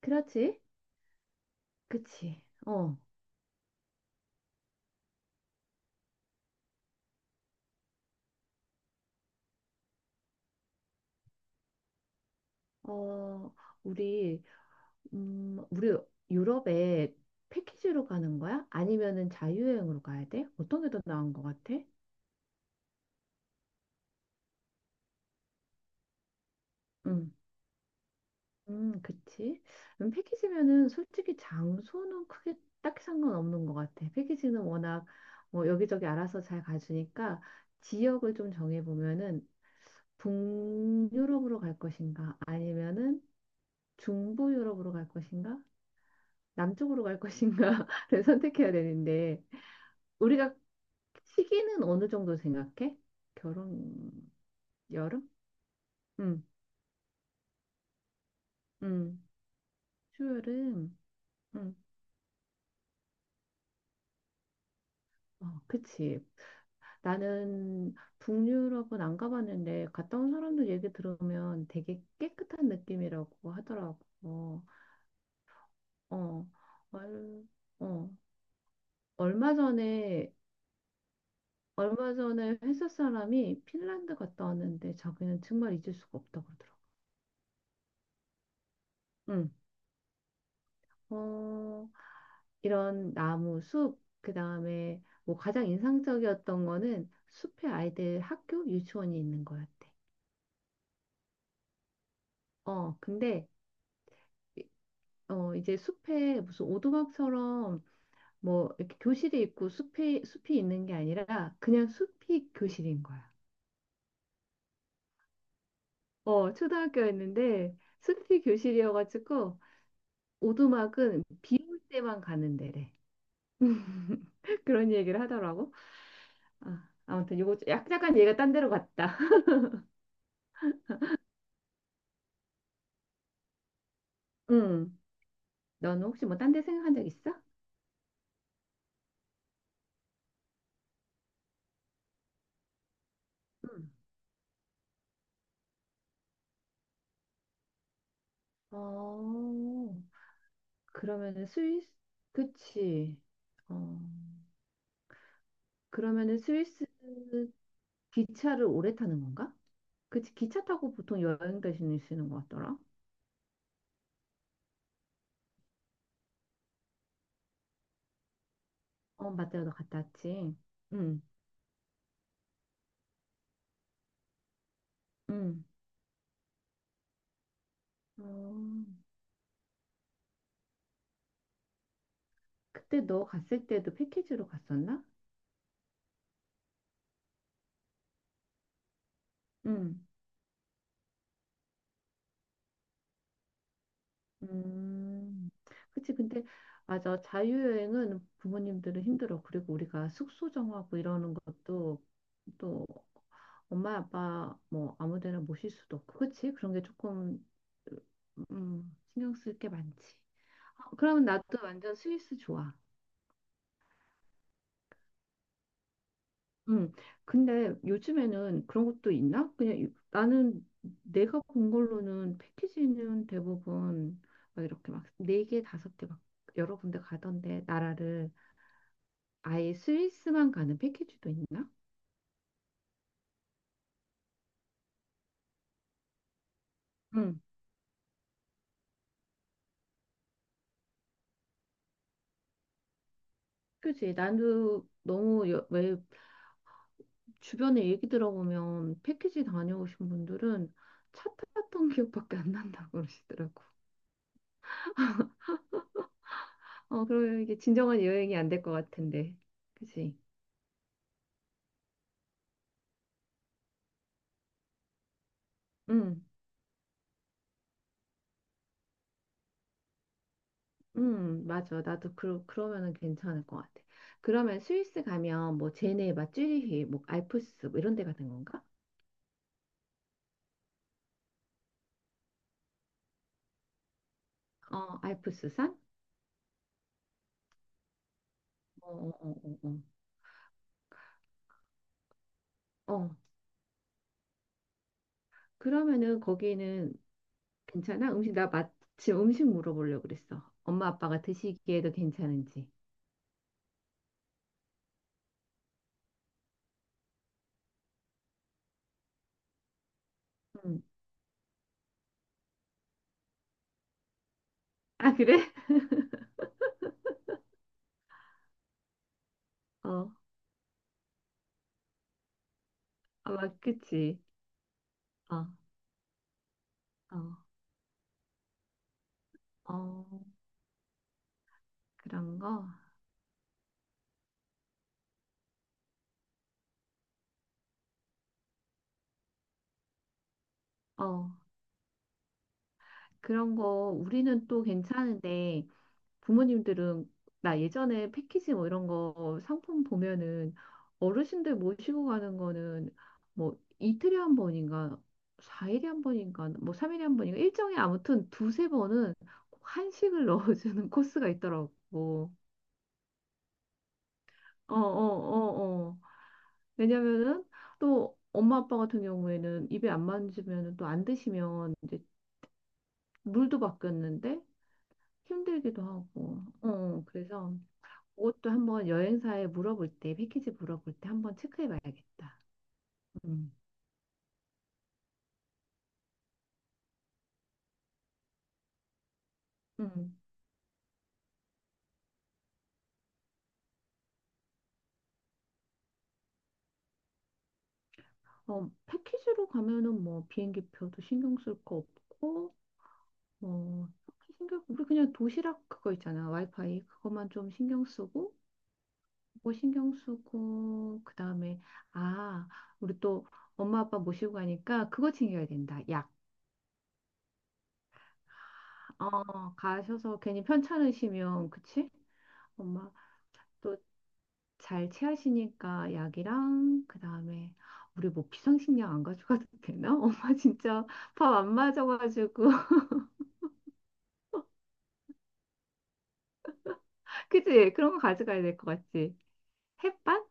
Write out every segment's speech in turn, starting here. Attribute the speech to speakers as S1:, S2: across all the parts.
S1: 그렇지? 그치? 어, 우리, 우리 유럽에 패키지로 가는 거야? 아니면은 자유여행으로 가야 돼? 어떤 게 더 나은 것 같아? 음, 그치? 패키지면은 솔직히 장소는 크게 딱히 상관없는 것 같아. 패키지는 워낙 뭐 여기저기 알아서 잘 가주니까 지역을 좀 정해보면은 북유럽으로 갈 것인가? 아니면은 중부 유럽으로 갈 것인가? 남쪽으로 갈 것인가를 선택해야 되는데 우리가 시기는 어느 정도 생각해? 결혼 여름? 응, 응, 추여름. 응, 어, 그치. 나는 북유럽은 안 가봤는데 갔다 온 사람들 얘기 들으면 되게 깨끗한 느낌이라고 하더라고. 어, 얼, 어, 얼마 전에 얼마 전에 회사 사람이 핀란드 갔다 왔는데 자기는 정말 잊을 수가 없다고 그러더라고. 응. 어, 이런 나무, 숲, 그다음에 뭐 가장 인상적이었던 거는 숲에 아이들 학교 유치원이 있는 거였대. 어, 근데 이- 어 이제 숲에 무슨 오두막처럼 뭐 이렇게 교실이 있고 숲이 있는 게 아니라 그냥 숲이 교실인 거야. 어, 초등학교였는데 숲이 교실이어가지고 오두막은 비올 때만 가는 데래. 그런 얘기를 하더라고. 아, 아무튼 요거 약간 얘가 딴 데로 갔다. 응. 너는 혹시 뭐 딴 데 생각한 적 있어? 응. 어, 그러면은 스위스, 그치. 어, 그러면은 스위스 기차를 오래 타는 건가? 그치, 기차 타고 보통 여행 대신에 쓰는 것 같더라. 어, 맞다, 너 갔다 왔지. 응, 응. 어, 그때 너 갔을 때도 패키지로 갔었나? 응. 음, 그치. 근데, 맞아. 자유여행은 부모님들은 힘들어. 그리고 우리가 숙소 정하고 이러는 것도 또 엄마, 아빠 뭐 아무 데나 모실 수도 없고. 그치? 그런 게 조금, 신경 쓸게 많지. 아, 그러면 나도 완전 스위스 좋아. 음, 근데 요즘에는 그런 것도 있나? 그냥 나는 내가 본 걸로는 패키지는 대부분 막 이렇게 네 개, 다섯 개 막 여러 군데 가던데 나라를 아예 스위스만 가는 패키지도 있나? 응. 그지? 나도 왜 주변에 얘기 들어보면 패키지 다녀오신 분들은 차 탔던 기억밖에 안 난다고 그러시더라고. 어, 그러면 이게 진정한 여행이 안 될 것 같은데, 그지? 응. 맞아. 나도 그러면은 괜찮을 것 같아. 그러면 스위스 가면 뭐 제네바, 찌리히, 뭐 알프스 뭐 이런 데 같은 건가? 어, 알프스산? 어, 어, 어, 어. 어, 어, 그러면은 거기는 괜찮아? 음식 나 마침 음식 물어보려고 그랬어. 엄마 아빠가 드시기에도 괜찮은지. 음. 아, 그래? 어. 아, 그치. 어. 어. 어. 그런 거? 어. 그런 거 우리는 또 괜찮은데 부모님들은 나 예전에 패키지 뭐 이런 거 상품 보면은 어르신들 모시고 가는 거는 뭐 이틀에 한 번인가 4일에 한 번인가 뭐 3일에 한 번인가 일정에 아무튼 두세 번은 꼭 한식을 넣어주는 코스가 있더라고. 어, 어, 어, 어. 왜냐면은 또 엄마 아빠 같은 경우에는 입에 안 맞으면 또 안 드시면 이제 물도 바뀌었는데 힘들기도 하고. 어, 어. 그래서 그것도 한번 여행사에 물어볼 때, 패키지 물어볼 때 한번 체크해 봐야겠다. 음. 음. 어, 패키지로 가면은 뭐 비행기표도 신경 쓸 거 없고, 뭐, 딱히 신경, 우리 그냥 도시락 그거 있잖아. 와이파이. 그것만 좀 신경 쓰고, 그거 신경 쓰고, 그 다음에, 아, 우리 또 엄마 아빠 모시고 가니까 그거 챙겨야 된다. 약. 어, 가셔서 괜히 편찮으시면, 그치? 엄마. 또 잘 체하시니까 약이랑 그다음에 우리 뭐 비상식량 안 가져가도 되나? 엄마 진짜 밥 안 맞아가지고 그치? 그런 거 가져가야 될 것 같지? 햇반?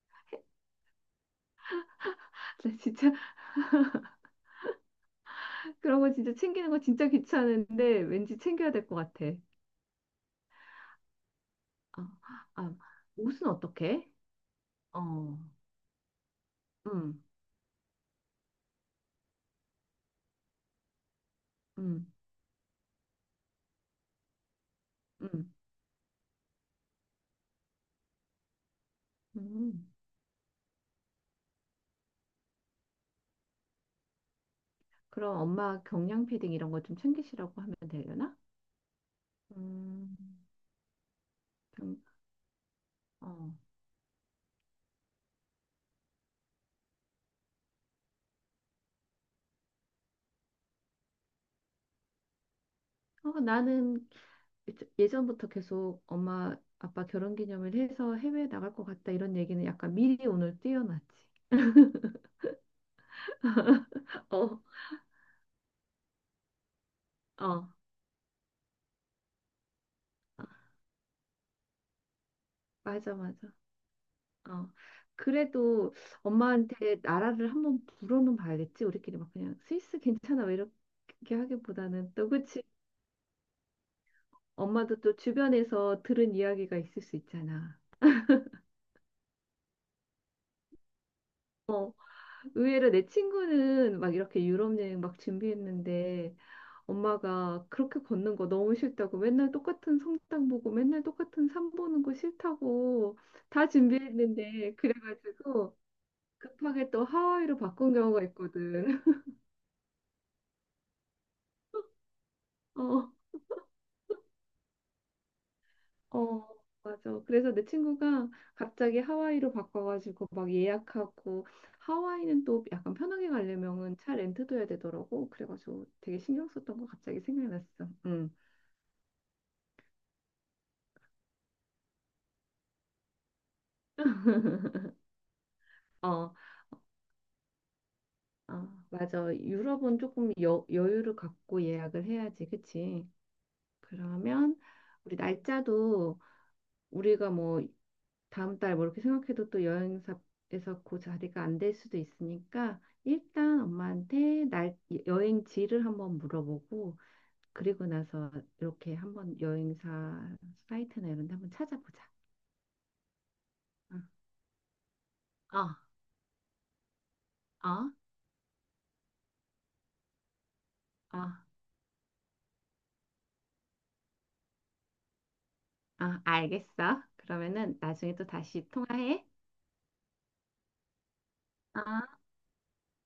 S1: 나 진짜 그런 거 진짜 챙기는 거 진짜 귀찮은데 왠지 챙겨야 될 것 같아. 어, 아, 옷은 어떻게? 어, 음, 음, 음, 음. 그럼 엄마 경량 패딩 이런 거 좀 챙기시라고 하면 되려나? 음, 경- 어. 어, 나는 예전부터 계속 엄마 아빠 결혼기념일 해서 해외에 나갈 것 같다 이런 얘기는 약간 미리 오늘 뛰어놨지. 어, 어, 맞아, 맞아. 어. 그래도 엄마한테 나라를 한번 물어는 봐야겠지. 우리끼리 막 그냥 스위스 괜찮아 왜 이렇게 하기보다는 또 그치. 엄마도 또 주변에서 들은 이야기가 있을 수 있잖아. 어, 의외로 내 친구는 막 이렇게 유럽 여행 막 준비했는데 엄마가 그렇게 걷는 거 너무 싫다고 맨날 똑같은 성당 보고 맨날 똑같은 산 보는 거 싫다고 다 준비했는데 그래가지고 급하게 또 하와이로 바꾼 경우가 있거든. 어, 어, 맞아. 그래서 내 친구가 갑자기 하와이로 바꿔가지고 막 예약하고 하와이는 또 약간 편하게 가려면은 차 렌트도 해야 되더라고. 그래가지고 되게 신경 썼던 거 갑자기 생각났어. 응. 어. 아, 맞아. 유럽은 조금 여유를 갖고 예약을 해야지, 그치? 그러면 우리 날짜도 우리가 뭐 다음 달 뭐 이렇게 생각해도 또 여행사에서 그 자리가 안될 수도 있으니까 일단 엄마한테 날 여행지를 한번 물어보고 그리고 나서 이렇게 한번 여행사 사이트나 이런 데 한번 찾아보자. 어, 어, 어, 어, 알겠어. 그러면은 나중에 또 다시 통화해. 어.